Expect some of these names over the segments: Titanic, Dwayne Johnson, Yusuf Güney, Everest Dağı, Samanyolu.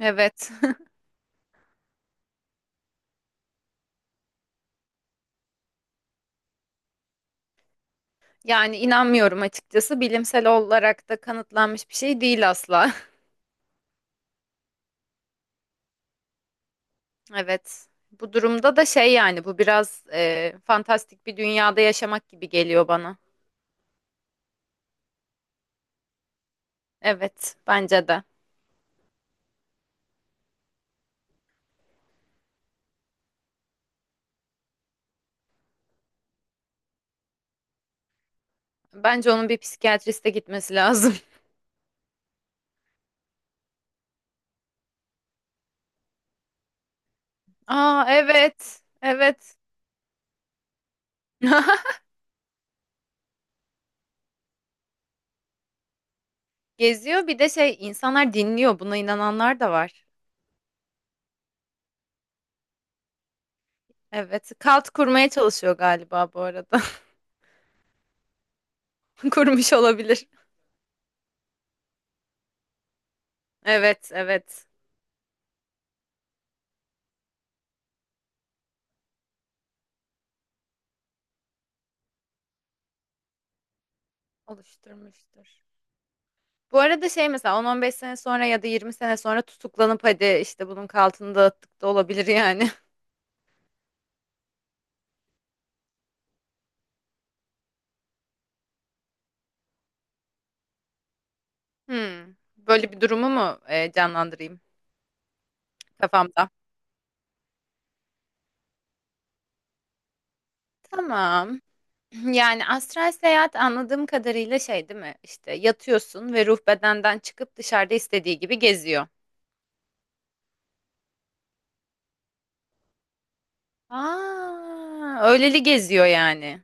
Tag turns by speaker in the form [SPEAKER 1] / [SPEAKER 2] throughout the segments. [SPEAKER 1] Evet. Yani inanmıyorum açıkçası. Bilimsel olarak da kanıtlanmış bir şey değil asla. Evet. Bu durumda da şey yani bu biraz fantastik bir dünyada yaşamak gibi geliyor bana. Evet, bence de. Bence onun bir psikiyatriste gitmesi lazım. Aa evet. Evet. Geziyor bir de şey insanlar dinliyor. Buna inananlar da var. Evet. Kalt kurmaya çalışıyor galiba bu arada. Kurmuş olabilir. Evet, evet. Oluşturmuştur. Bu arada şey mesela 10-15 sene sonra ya da 20 sene sonra tutuklanıp hadi işte bunun altını dağıttık da olabilir yani. Hmm. Böyle bir durumu mu canlandırayım kafamda? Tamam. Yani astral seyahat anladığım kadarıyla şey değil mi? İşte yatıyorsun ve ruh bedenden çıkıp dışarıda istediği gibi geziyor. Aa, öyleli geziyor yani.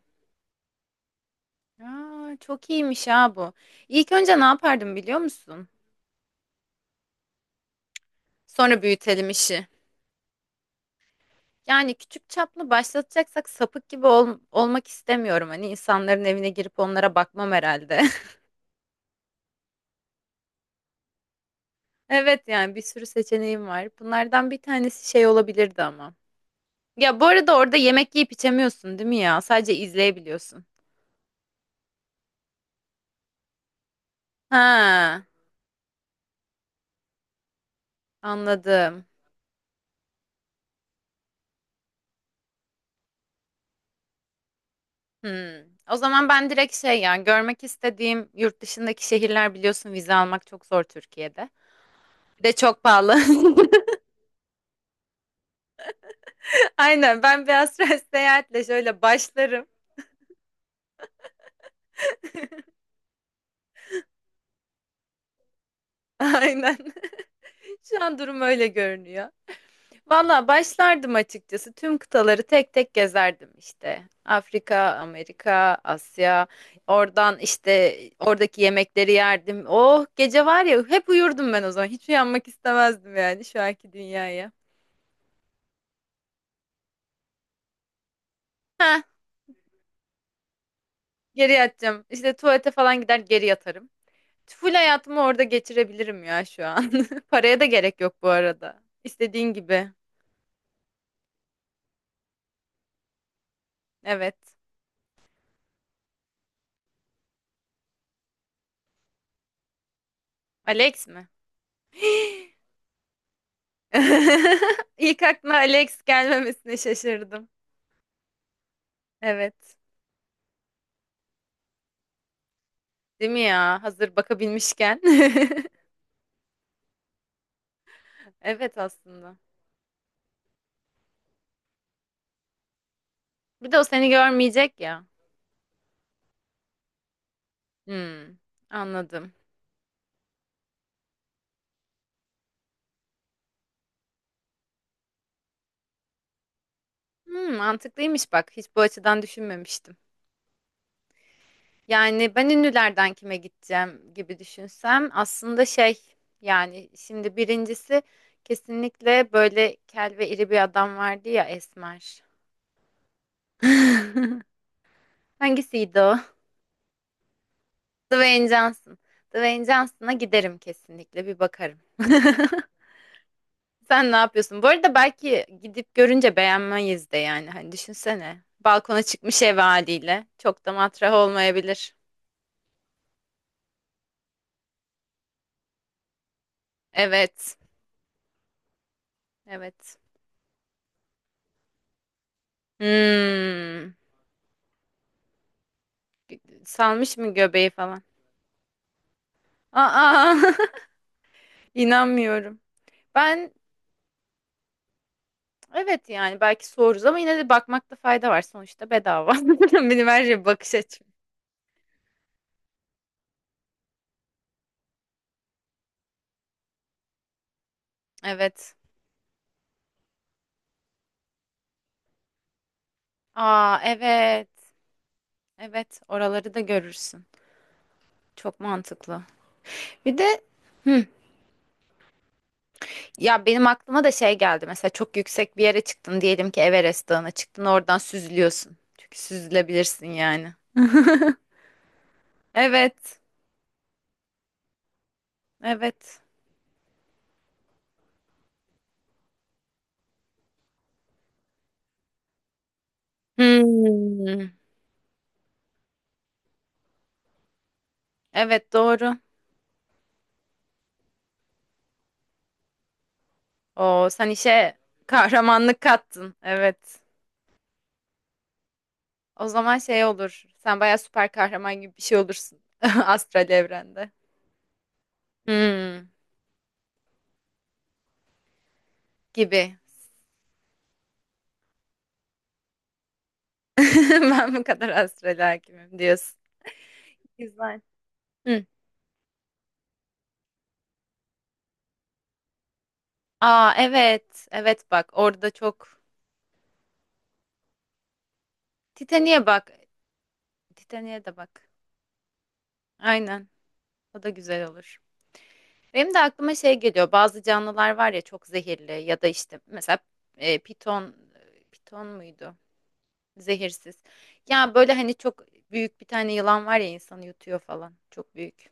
[SPEAKER 1] Aa, çok iyiymiş ha bu. İlk önce ne yapardım biliyor musun? Sonra büyütelim işi. Yani küçük çaplı başlatacaksak sapık gibi olmak istemiyorum. Hani insanların evine girip onlara bakmam herhalde. Evet yani bir sürü seçeneğim var. Bunlardan bir tanesi şey olabilirdi ama. Ya bu arada orada yemek yiyip içemiyorsun değil mi ya? Sadece izleyebiliyorsun. Ha, anladım. Hmm. O zaman ben direkt şey yani görmek istediğim yurt dışındaki şehirler biliyorsun vize almak çok zor Türkiye'de. Bir de çok pahalı. Aynen ben bir astral seyahatle şöyle başlarım. Aynen. Şu an durum öyle görünüyor. Valla başlardım açıkçası. Tüm kıtaları tek tek gezerdim işte. Afrika, Amerika, Asya. Oradan işte oradaki yemekleri yerdim. Oh gece var ya hep uyurdum ben o zaman. Hiç uyanmak istemezdim yani şu anki dünyaya. Heh geri yatacağım. İşte tuvalete falan gider geri yatarım. Full hayatımı orada geçirebilirim ya şu an. Paraya da gerek yok bu arada. İstediğin gibi. Evet. Alex mi? İlk aklına Alex gelmemesine şaşırdım. Evet. Değil mi ya? Hazır bakabilmişken. Evet aslında. Bir de o seni görmeyecek ya. Hmm, anladım. Hmm, mantıklıymış bak. Hiç bu açıdan düşünmemiştim. Yani ben ünlülerden kime gideceğim gibi düşünsem aslında şey yani şimdi birincisi kesinlikle böyle kel ve iri bir adam vardı ya Esmer. Hangisiydi o? Dwayne Johnson. Dwayne Johnson'a giderim kesinlikle bir bakarım. Sen ne yapıyorsun? Bu arada belki gidip görünce beğenmeyiz de yani. Hani düşünsene. Balkona çıkmış ev haliyle. Çok da matrah olmayabilir. Evet. Evet. Hmm. Salmış mı göbeği falan? Aa, inanmıyorum. Ben evet yani belki soruruz ama yine de bakmakta fayda var. Sonuçta bedava. Benim her şey bakış açım. Evet. Aa evet. Evet, oraları da görürsün. Çok mantıklı. Bir de hı, ya benim aklıma da şey geldi. Mesela çok yüksek bir yere çıktın diyelim ki Everest Dağı'na çıktın oradan süzülüyorsun. Çünkü süzülebilirsin yani. Evet. Evet. Hmm, evet doğru. O sen işe kahramanlık kattın. Evet. O zaman şey olur. Sen bayağı süper kahraman gibi bir şey olursun. Astral evrende. Hmm, gibi. Ben bu kadar astral hakimim diyorsun. Güzel. Hı. Aa evet. Evet bak orada çok. Titanic'e bak. Titanic'e de bak. Aynen. O da güzel olur. Benim de aklıma şey geliyor. Bazı canlılar var ya çok zehirli ya da işte mesela e, piton piton muydu? Zehirsiz. Ya böyle hani çok büyük bir tane yılan var ya insanı yutuyor falan. Çok büyük.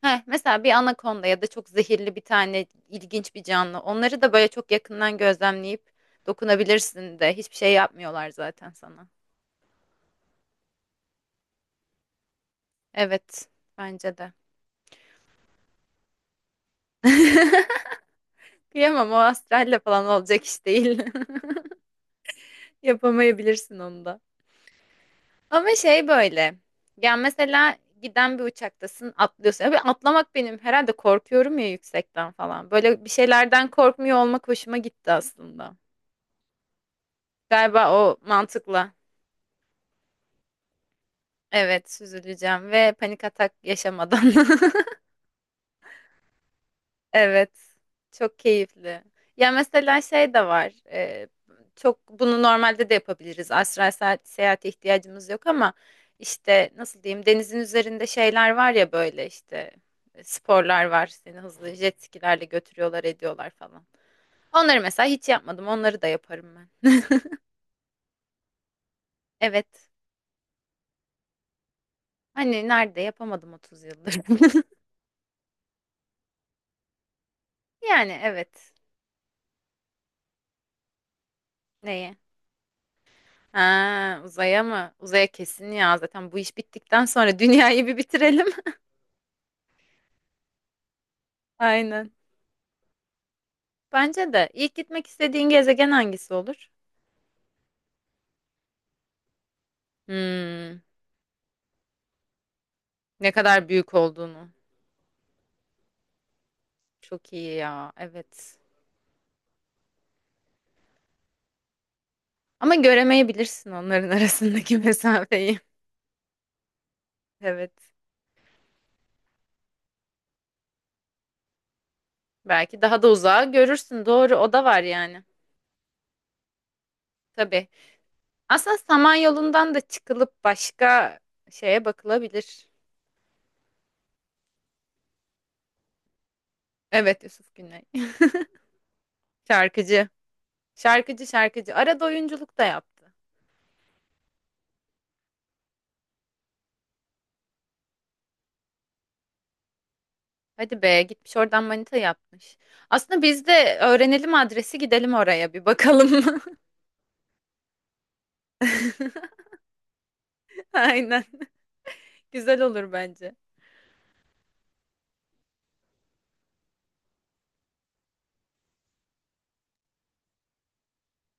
[SPEAKER 1] Heh, mesela bir anakonda ya da çok zehirli bir tane ilginç bir canlı. Onları da böyle çok yakından gözlemleyip dokunabilirsin de hiçbir şey yapmıyorlar zaten sana. Evet, bence de. Kıyamam o astralle falan olacak iş değil. Yapamayabilirsin onu da. Ama şey böyle. Ya mesela giden bir uçaktasın atlıyorsun. Abi atlamak benim herhalde korkuyorum ya yüksekten falan. Böyle bir şeylerden korkmuyor olmak hoşuma gitti aslında. Galiba o mantıkla. Evet süzüleceğim ve panik atak yaşamadan. Evet. Çok keyifli. Ya mesela şey de var. Çok bunu normalde de yapabiliriz. Astral seyahate ihtiyacımız yok ama işte nasıl diyeyim denizin üzerinde şeyler var ya böyle işte sporlar var. Seni hızlı jet skilerle götürüyorlar ediyorlar falan. Onları mesela hiç yapmadım. Onları da yaparım ben. Evet. Hani nerede yapamadım 30 yıldır. Yani evet. Neyi? Ha, uzaya mı? Uzaya kesin ya. Zaten bu iş bittikten sonra dünyayı bir bitirelim. Aynen. Bence de. İlk gitmek istediğin gezegen hangisi olur? Hmm, ne kadar büyük olduğunu. Çok iyi ya. Evet. Ama göremeyebilirsin onların arasındaki mesafeyi. Evet. Belki daha da uzağa görürsün. Doğru, o da var yani. Tabii. Aslında Samanyolu'ndan da çıkılıp başka şeye bakılabilir. Evet, Yusuf Güney. Şarkıcı. Şarkıcı şarkıcı. Arada oyunculuk da yaptı. Hadi be gitmiş oradan manita yapmış. Aslında biz de öğrenelim adresi gidelim oraya bir bakalım. Aynen. Güzel olur bence.